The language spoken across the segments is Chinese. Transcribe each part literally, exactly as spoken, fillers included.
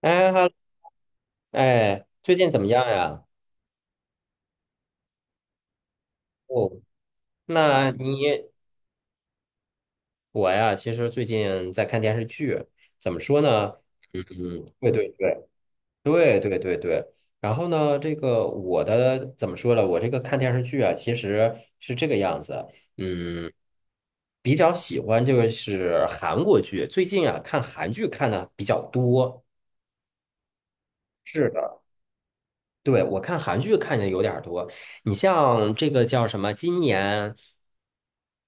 哎哈，哎，最近怎么样呀？哦，那你我呀，其实最近在看电视剧，怎么说呢？嗯，对对对对对对对。然后呢，这个我的怎么说呢？我这个看电视剧啊，其实是这个样子。嗯，比较喜欢就是韩国剧，最近啊看韩剧看的比较多。是的。对，我看韩剧看的有点儿多，你像这个叫什么？今年，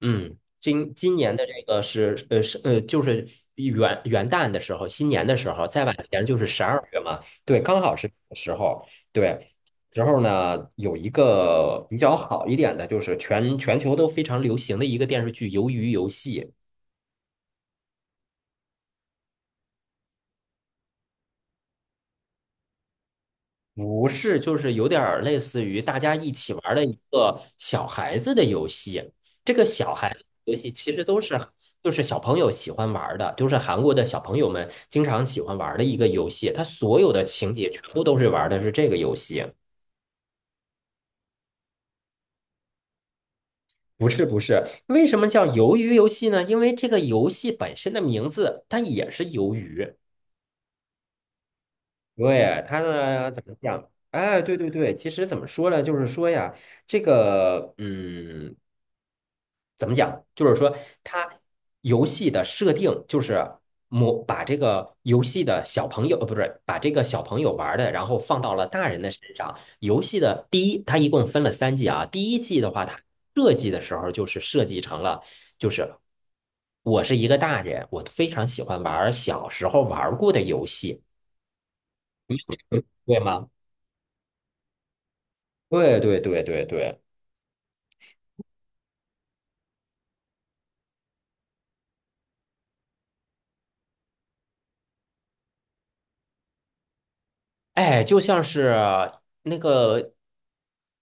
嗯，今今年的这个是呃是呃，就是元元旦的时候，新年的时候，再往前就是十二月嘛，对，刚好是这个时候，对，时候呢有一个比较好一点的，就是全全球都非常流行的一个电视剧《鱿鱼游戏》。不是，就是有点儿类似于大家一起玩儿的一个小孩子的游戏。这个小孩子游戏其实都是就是小朋友喜欢玩儿的，就是韩国的小朋友们经常喜欢玩儿的一个游戏。它所有的情节全部都是玩儿的是这个游戏。不是不是，为什么叫鱿鱼游戏呢？因为这个游戏本身的名字它也是鱿鱼。对，它呢怎么讲？哎，对对对，其实怎么说呢？就是说呀，这个嗯。怎么讲？就是说，它游戏的设定就是模把这个游戏的小朋友，呃，不是把这个小朋友玩的，然后放到了大人的身上。游戏的第一，它一共分了三季啊。第一季的话，它设计的时候就是设计成了，就是我是一个大人，我非常喜欢玩小时候玩过的游戏，对吗？对对对对对。哎，就像是那个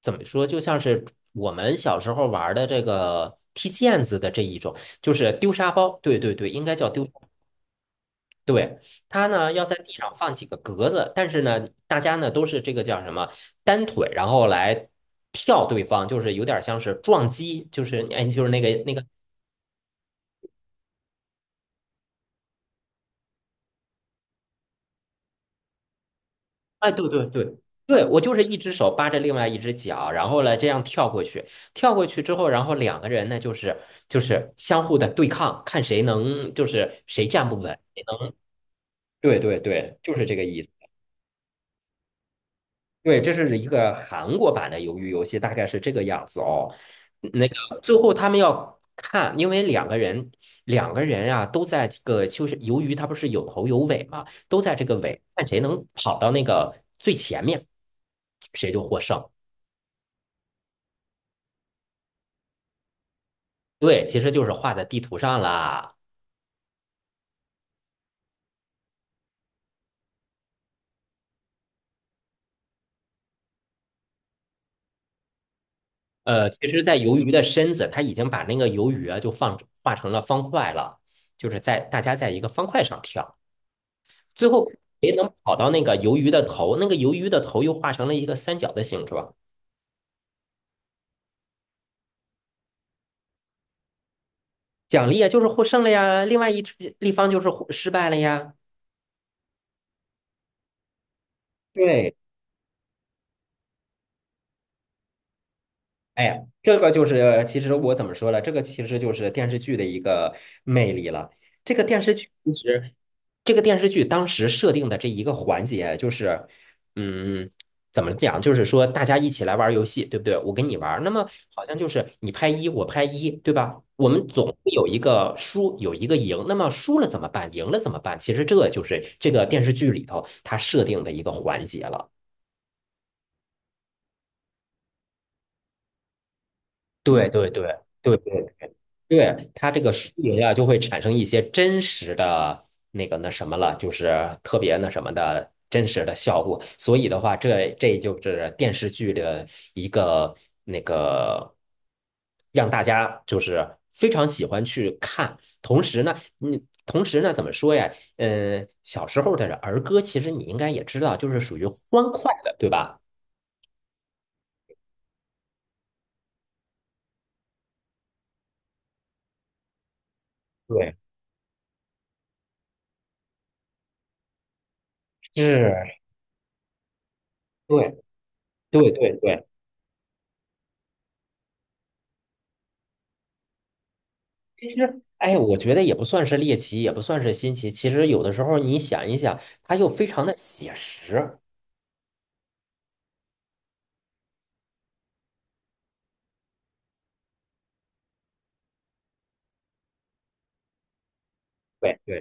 怎么说，就像是我们小时候玩的这个踢毽子的这一种，就是丢沙包。对对对，应该叫丢。对，它呢要在地上放几个格子，但是呢，大家呢都是这个叫什么单腿，然后来跳对方，就是有点像是撞击，就是哎，就是那个那个哎，对对对对，我就是一只手扒着另外一只脚，然后呢这样跳过去，跳过去之后，然后两个人呢就是就是相互的对抗，看谁能就是谁站不稳。对对对，就是这个意思。对，这是一个韩国版的鱿鱼游戏，大概是这个样子哦。那个最后他们要看，因为两个人两个人啊都在这个就是鱿鱼，它不是有头有尾嘛，都在这个尾，看谁能跑到那个最前面，谁就获胜。对，其实就是画在地图上了。呃，其实，在鱿鱼的身子，它已经把那个鱿鱼啊，就放画成了方块了，就是在大家在一个方块上跳，最后谁能跑到那个鱿鱼的头，那个鱿鱼的头又画成了一个三角的形状，奖励啊就是获胜了呀，另外一只立方就是获失败了呀。对，哎呀，这个就是，其实我怎么说呢？这个其实就是电视剧的一个魅力了。这个电视剧其实，这个电视剧当时设定的这一个环节就是，嗯，怎么讲？就是说大家一起来玩儿游戏，对不对？我跟你玩儿那么好像就是你拍一，我拍一，对吧？我们总会有一个输，有一个赢。那么输了怎么办？赢了怎么办？其实这就是这个电视剧里头它设定的一个环节了。对对对对对对，它这个输赢呀，就会产生一些真实的那个那什么了，就是特别那什么的真实的效果。所以的话，这这就是电视剧的一个那个，让大家就是非常喜欢去看。同时呢，你同时呢，怎么说呀？嗯，小时候的儿歌，其实你应该也知道，就是属于欢快的，对吧？对，是，对，对，对，对。其实，哎，我觉得也不算是猎奇，也不算是新奇。其实有的时候你想一想，它又非常的写实。对对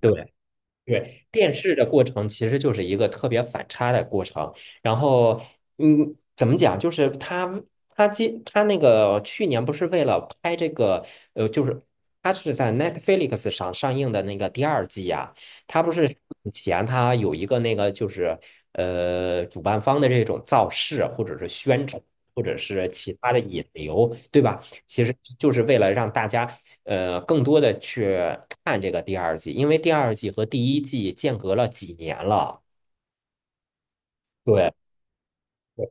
对对。对，电视的过程其实就是一个特别反差的过程。然后，嗯，怎么讲？就是他他今他那个去年不是为了拍这个，呃，就是他是在 Netflix 上上映的那个第二季呀、他不是以前他有一个那个就是呃主办方的这种造势或者是宣传或者是其他的引流，对吧？其实就是为了让大家呃更多的去看这个第二季，因为第二季和第一季间隔了几年了。对，对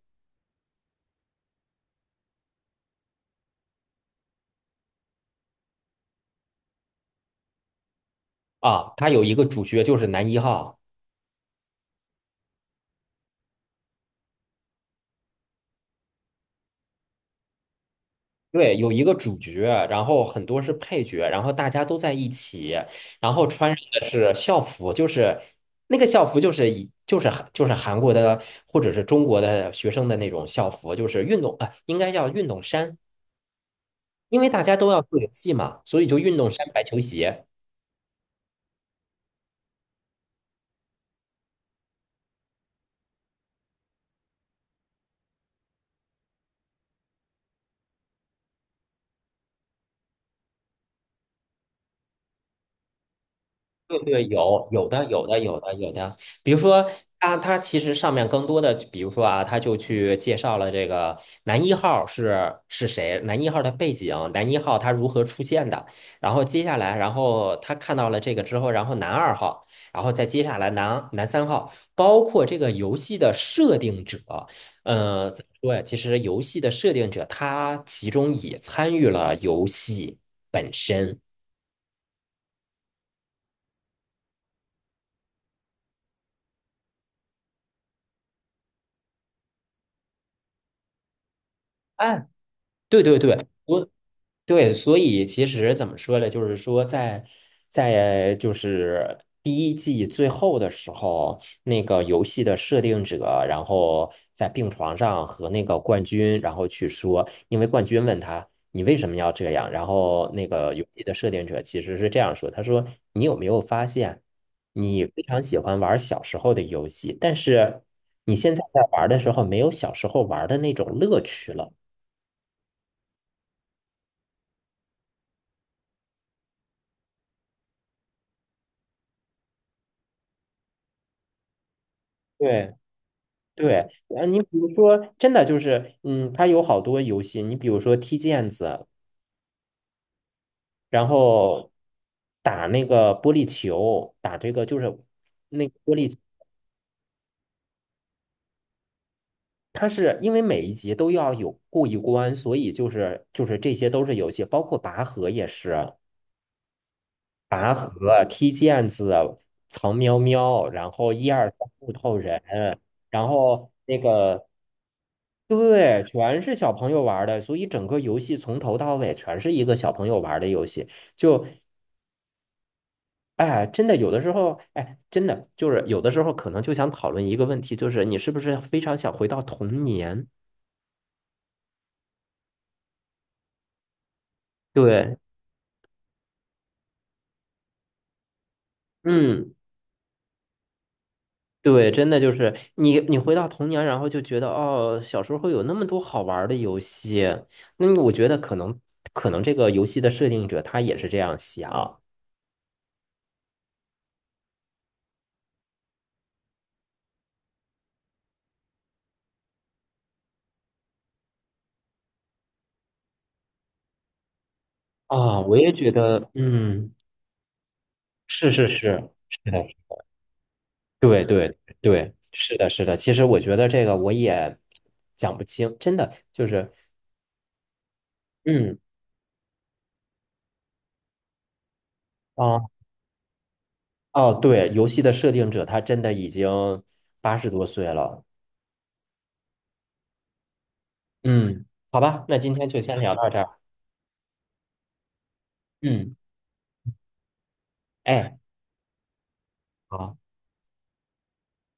啊，它有一个主角就是男一号，对，有一个主角，然后很多是配角，然后大家都在一起，然后穿上的是校服，就是那个校服就是以就是韩就是韩国的或者是中国的学生的那种校服，就是运动啊、呃应该叫运动衫，因为大家都要做游戏嘛，所以就运动衫、白球鞋。对对，有有的有的有的有的，比如说他他其实上面更多的，比如说啊，他就去介绍了这个男一号是是谁，男一号的背景，男一号他如何出现的，然后接下来，然后他看到了这个之后，然后男二号，然后再接下来男男三号，包括这个游戏的设定者，呃，怎么说呀？其实游戏的设定者他其中也参与了游戏本身。哎，对对对，我对，所以其实怎么说呢？就是说在，在就是第一季最后的时候，那个游戏的设定者，然后在病床上和那个冠军，然后去说，因为冠军问他你为什么要这样，然后那个游戏的设定者其实是这样说，他说你有没有发现，你非常喜欢玩小时候的游戏，但是你现在在玩的时候没有小时候玩的那种乐趣了。对。对，啊，你比如说，真的就是，嗯，它有好多游戏，你比如说踢毽子，然后打那个玻璃球，打这个就是那个玻璃，它是因为每一集都要有过一关，所以就是就是这些都是游戏，包括拔河也是，拔河、踢毽子、藏喵喵，然后一二三木头人，然后那个对，全是小朋友玩儿的，所以整个游戏从头到尾全是一个小朋友玩儿的游戏。就，哎，真的有的时候，哎，真的就是有的时候可能就想讨论一个问题，就是你是不是非常想回到童年？对，嗯，对，真的就是你你回到童年，然后就觉得哦，小时候会有那么多好玩儿的游戏。那我觉得可能可能这个游戏的设定者他也是这样想啊，我也觉得，嗯，是是是。是的，对对对，是的，是的。其实我觉得这个我也讲不清，真的就是，嗯，啊，哦，对，游戏的设定者他真的已经八十多岁了。嗯，好吧，那今天就先聊到这儿。嗯，哎，好。